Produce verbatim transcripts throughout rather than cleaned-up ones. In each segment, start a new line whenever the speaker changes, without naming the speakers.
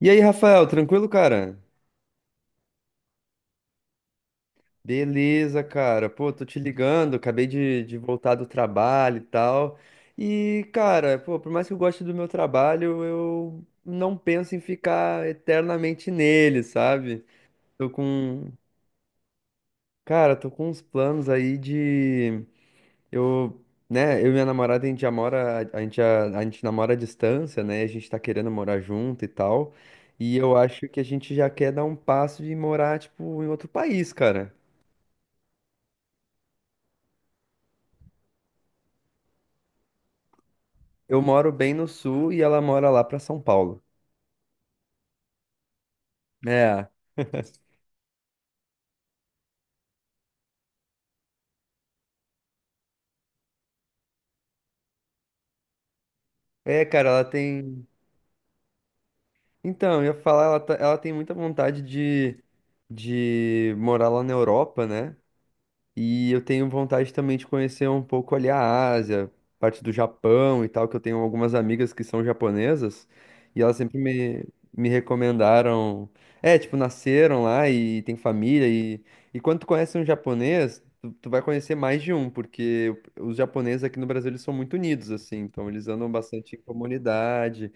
E aí, Rafael, tranquilo, cara? Beleza, cara. Pô, tô te ligando, acabei de, de voltar do trabalho e tal. E, cara, pô, por mais que eu goste do meu trabalho, eu não penso em ficar eternamente nele, sabe? Tô com. Cara, tô com uns planos aí de. Eu, né, eu e minha namorada, a gente já mora. A gente, já- a gente namora à distância, né? A gente tá querendo morar junto e tal. E eu acho que a gente já quer dar um passo de morar, tipo, em outro país, cara. Eu moro bem no sul e ela mora lá pra São Paulo. É. É, cara, ela tem. Então, eu ia falar, ela, tá- ela tem muita vontade de, de morar lá na Europa, né? E eu tenho vontade também de conhecer um pouco ali a Ásia, parte do Japão e tal, que eu tenho algumas amigas que são japonesas e elas sempre me, me recomendaram. É, tipo, nasceram lá e tem família. E, e quando tu conhece um japonês, tu, tu vai conhecer mais de um, porque os japoneses aqui no Brasil eles são muito unidos, assim, então eles andam bastante em comunidade.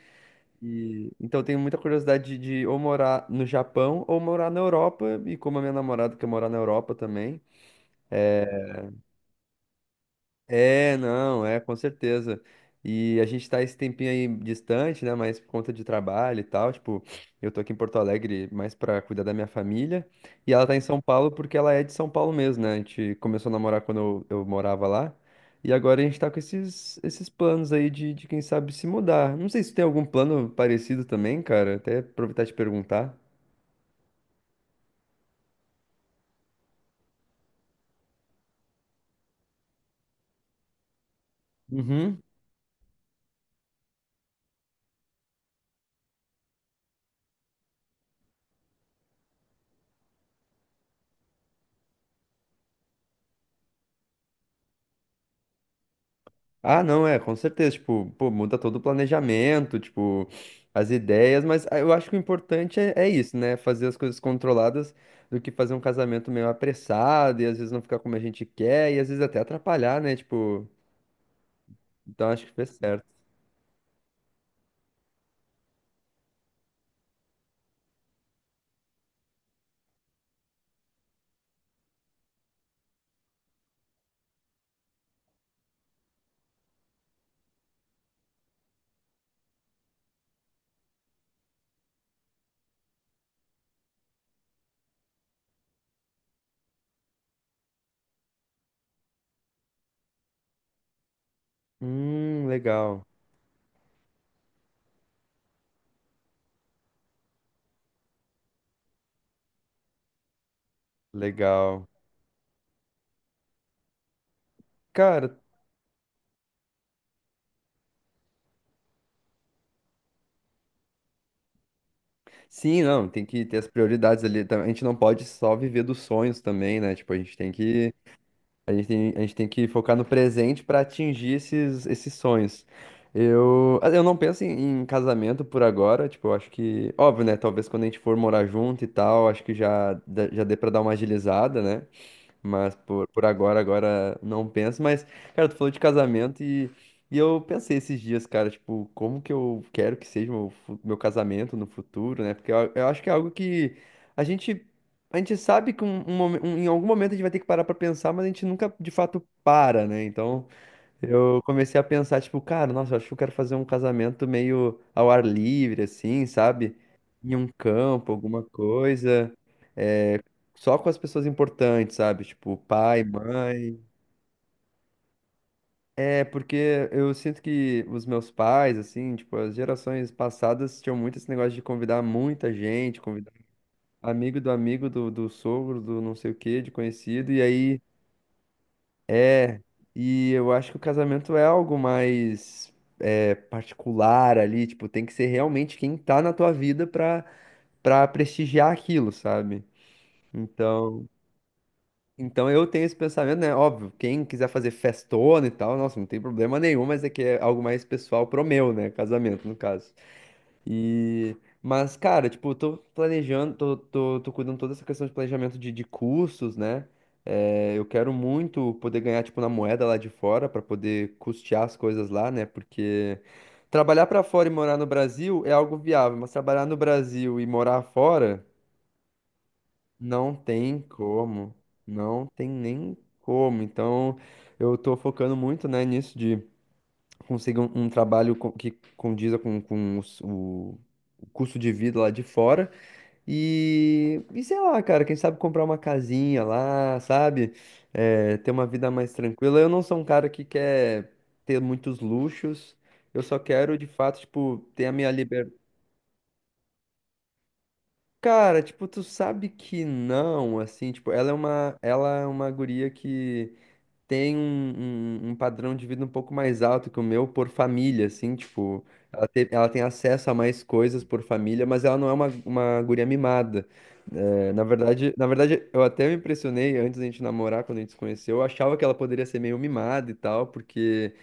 E então, eu tenho muita curiosidade de, de ou morar no Japão ou morar na Europa, e como a minha namorada quer morar na Europa também. É, não, é, com certeza. E a gente tá esse tempinho aí distante, né? Mas por conta de trabalho e tal. Tipo, eu tô aqui em Porto Alegre mais pra cuidar da minha família. E ela tá em São Paulo porque ela é de São Paulo mesmo, né? A gente começou a namorar quando eu, eu morava lá. E agora a gente tá com esses, esses planos aí de, de, quem sabe, se mudar. Não sei se tem algum plano parecido também, cara. Até aproveitar e te perguntar. Uhum. Ah, não, é, com certeza, tipo, pô, muda todo o planejamento, tipo, as ideias, mas ah, eu acho que o importante é, é isso, né? Fazer as coisas controladas do que fazer um casamento meio apressado e às vezes não ficar como a gente quer e às vezes até atrapalhar, né? Tipo, então acho que fez certo. Hum, legal, legal. Cara, sim, não, tem que ter as prioridades ali. Tá? A gente não pode só viver dos sonhos também, né? Tipo, a gente tem que. A gente tem, a gente tem que focar no presente para atingir esses, esses sonhos. Eu, ah, eu não penso em, em casamento por agora, tipo, eu acho que, óbvio, né? Talvez quando a gente for morar junto e tal, acho que já, dá- já dê para dar uma agilizada, né? Mas por, por agora, agora não penso. Mas, cara, tu falou de casamento e, e eu pensei esses dias, cara, tipo, como que eu quero que seja meu, fu- meu casamento no futuro, né? Porque eu, eu acho que é algo que a gente, a gente sabe que um, um momen- um- em algum momento a gente vai ter que parar pra pensar, mas a gente nunca de fato para, né? Então eu comecei a pensar, tipo, cara, nossa, eu acho que eu quero fazer um casamento meio ao ar livre, assim, sabe? Em um campo, alguma coisa só com as pessoas importantes, sabe? Tipo, pai, mãe. É, porque eu sinto que os meus pais, assim, tipo, as gerações passadas tinham muito esse negócio de convidar muita gente, convidar amigo do amigo, do, do sogro, do não sei o quê, de conhecido, e aí. E eu acho que o casamento é algo mais é, particular ali, tipo, tem que ser realmente quem tá na tua vida pra, pra prestigiar aquilo, sabe? Então. Então eu tenho esse pensamento, né? Óbvio, quem quiser fazer festona e tal, nossa, não tem problema nenhum, mas é que é algo mais pessoal pro meu, né? Casamento, no caso. E. Mas, cara, tipo, eu tô planejando, tô, tô, tô cuidando toda essa questão de planejamento de, de cursos né? É, eu quero muito poder ganhar, tipo, na moeda lá de fora, pra poder custear as coisas lá, né? Porque trabalhar pra fora e morar no Brasil é algo viável, mas trabalhar no Brasil e morar fora. Não tem como, não tem nem como. Então, eu tô focando muito, né, nisso de conseguir um, um trabalho co- que condiza com, com os- o, o custo de vida lá de fora. E, e sei lá, cara, quem sabe comprar uma casinha lá, sabe? É, ter uma vida mais tranquila. Eu não sou um cara que quer ter muitos luxos. Eu só quero, de fato, tipo, ter a minha liberdade. Cara, tipo, tu sabe que não, assim, tipo, ela é uma, ela é uma guria que tem um, um, um padrão de vida um pouco mais alto que o meu por família, assim, tipo, ela tem, ela tem acesso a mais coisas por família, mas ela não é uma, uma guria mimada. É, na verdade, na verdade, eu até me impressionei antes da gente namorar, quando a gente se conheceu, eu achava que ela poderia ser meio mimada e tal, porque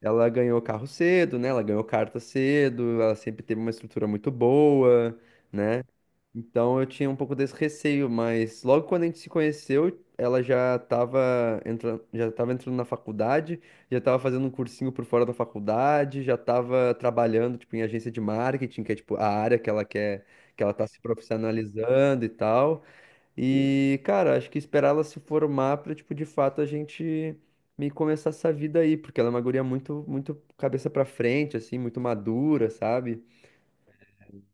ela ganhou carro cedo, né? Ela ganhou carta cedo, ela sempre teve uma estrutura muito boa né? Então eu tinha um pouco desse receio, mas logo quando a gente se conheceu, ela já estava entrando, já estava entrando na faculdade, já estava fazendo um cursinho por fora da faculdade, já estava trabalhando tipo em agência de marketing, que é tipo a área que ela quer, que ela tá se profissionalizando e tal. E, cara, acho que esperar ela se formar para tipo de fato a gente me começar essa vida aí, porque ela é uma guria muito muito cabeça para frente assim, muito madura, sabe?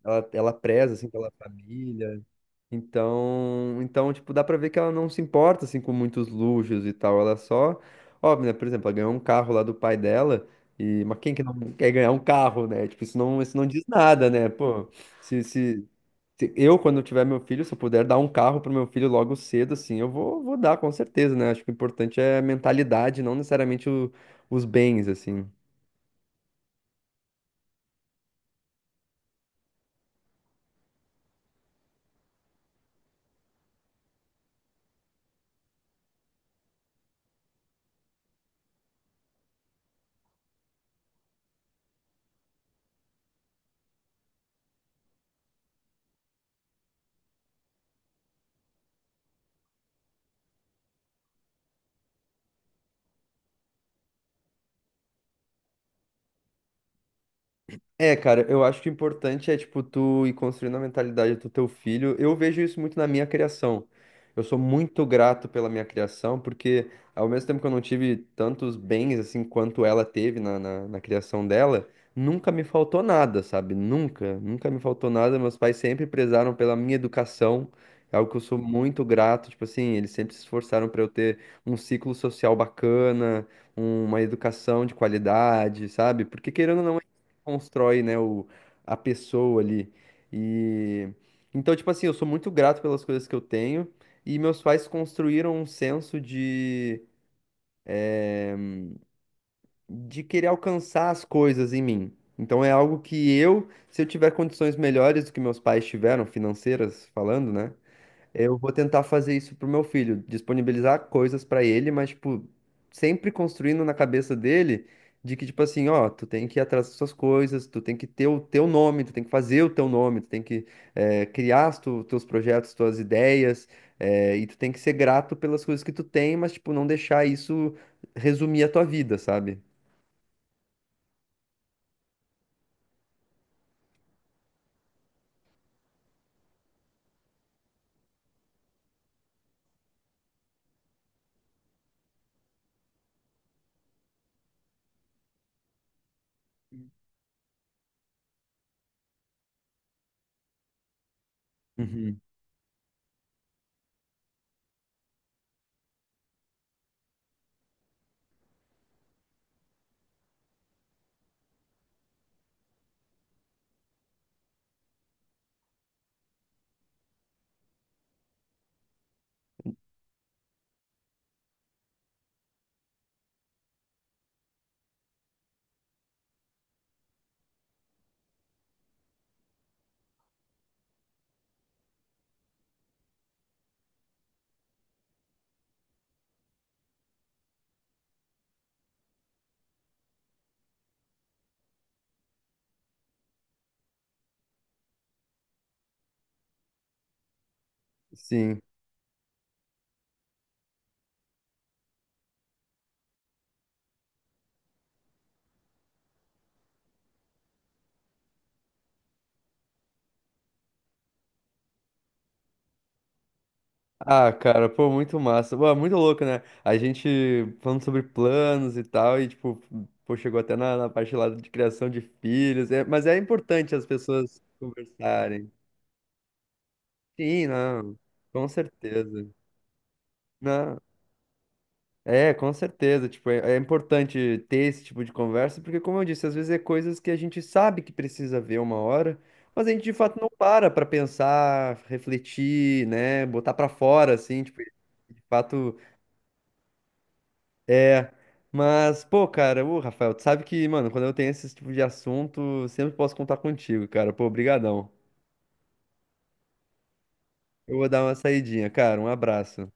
Ela, ela preza assim pela família. Então, então, tipo, dá pra ver que ela não se importa, assim, com muitos luxos e tal. Ela só... Óbvio, né? Por exemplo, ela ganhou um carro lá do pai dela. E... Mas quem que não quer ganhar um carro, né? Tipo, isso não, isso não diz nada, né? Pô, se, se, se eu, quando eu tiver meu filho, se eu puder dar um carro pro meu filho logo cedo, assim, eu vou, vou dar, com certeza, né? Acho que o importante é a mentalidade, não necessariamente o- os bens, assim. É, cara, eu acho que o importante é, tipo, tu ir construindo a mentalidade do teu filho. Eu vejo isso muito na minha criação. Eu sou muito grato pela minha criação, porque ao mesmo tempo que eu não tive tantos bens, assim, quanto ela teve na, na, na criação dela, nunca me faltou nada, sabe? Nunca, nunca me faltou nada. Meus pais sempre prezaram pela minha educação, é algo que eu sou muito grato. Tipo assim, eles sempre se esforçaram para eu ter um ciclo social bacana, uma educação de qualidade, sabe? Porque querendo ou não, constrói, né, o, a pessoa ali. E então, tipo assim, eu sou muito grato pelas coisas que eu tenho e meus pais construíram um senso de de querer alcançar as coisas em mim. Então é algo que eu, se eu tiver condições melhores do que meus pais tiveram, financeiras falando, né? Eu vou tentar fazer isso pro meu filho, disponibilizar coisas pra ele, mas, tipo, sempre construindo na cabeça dele de que, tipo assim, ó, tu tem que ir atrás das suas coisas, tu tem que ter o teu nome, tu tem que fazer o teu nome, tu tem que eh, criar os tu- teus projetos, tuas ideias, eh, e tu tem que ser grato pelas coisas que tu tem, mas, tipo, não deixar isso resumir a tua vida, sabe? Uhum. Sim. Ah, cara, pô, muito massa. Pô, é muito louco, né? A gente falando sobre planos e tal, e tipo, pô, chegou até na, na parte lá de criação de filhos. É, mas é importante as pessoas conversarem. Sim, não, com certeza. Não, é, com certeza. Tipo, é, é importante ter esse tipo de conversa, porque, como eu disse, às vezes é coisas que a gente sabe que precisa ver uma hora, mas a gente de fato não para pra pensar, refletir, né? Botar pra fora, assim, tipo, de fato. É, mas, pô, cara, ô, Rafael, tu sabe que, mano, quando eu tenho esse tipo de assunto, sempre posso contar contigo, cara. Pô, brigadão. Eu vou dar uma saidinha, cara. Um abraço.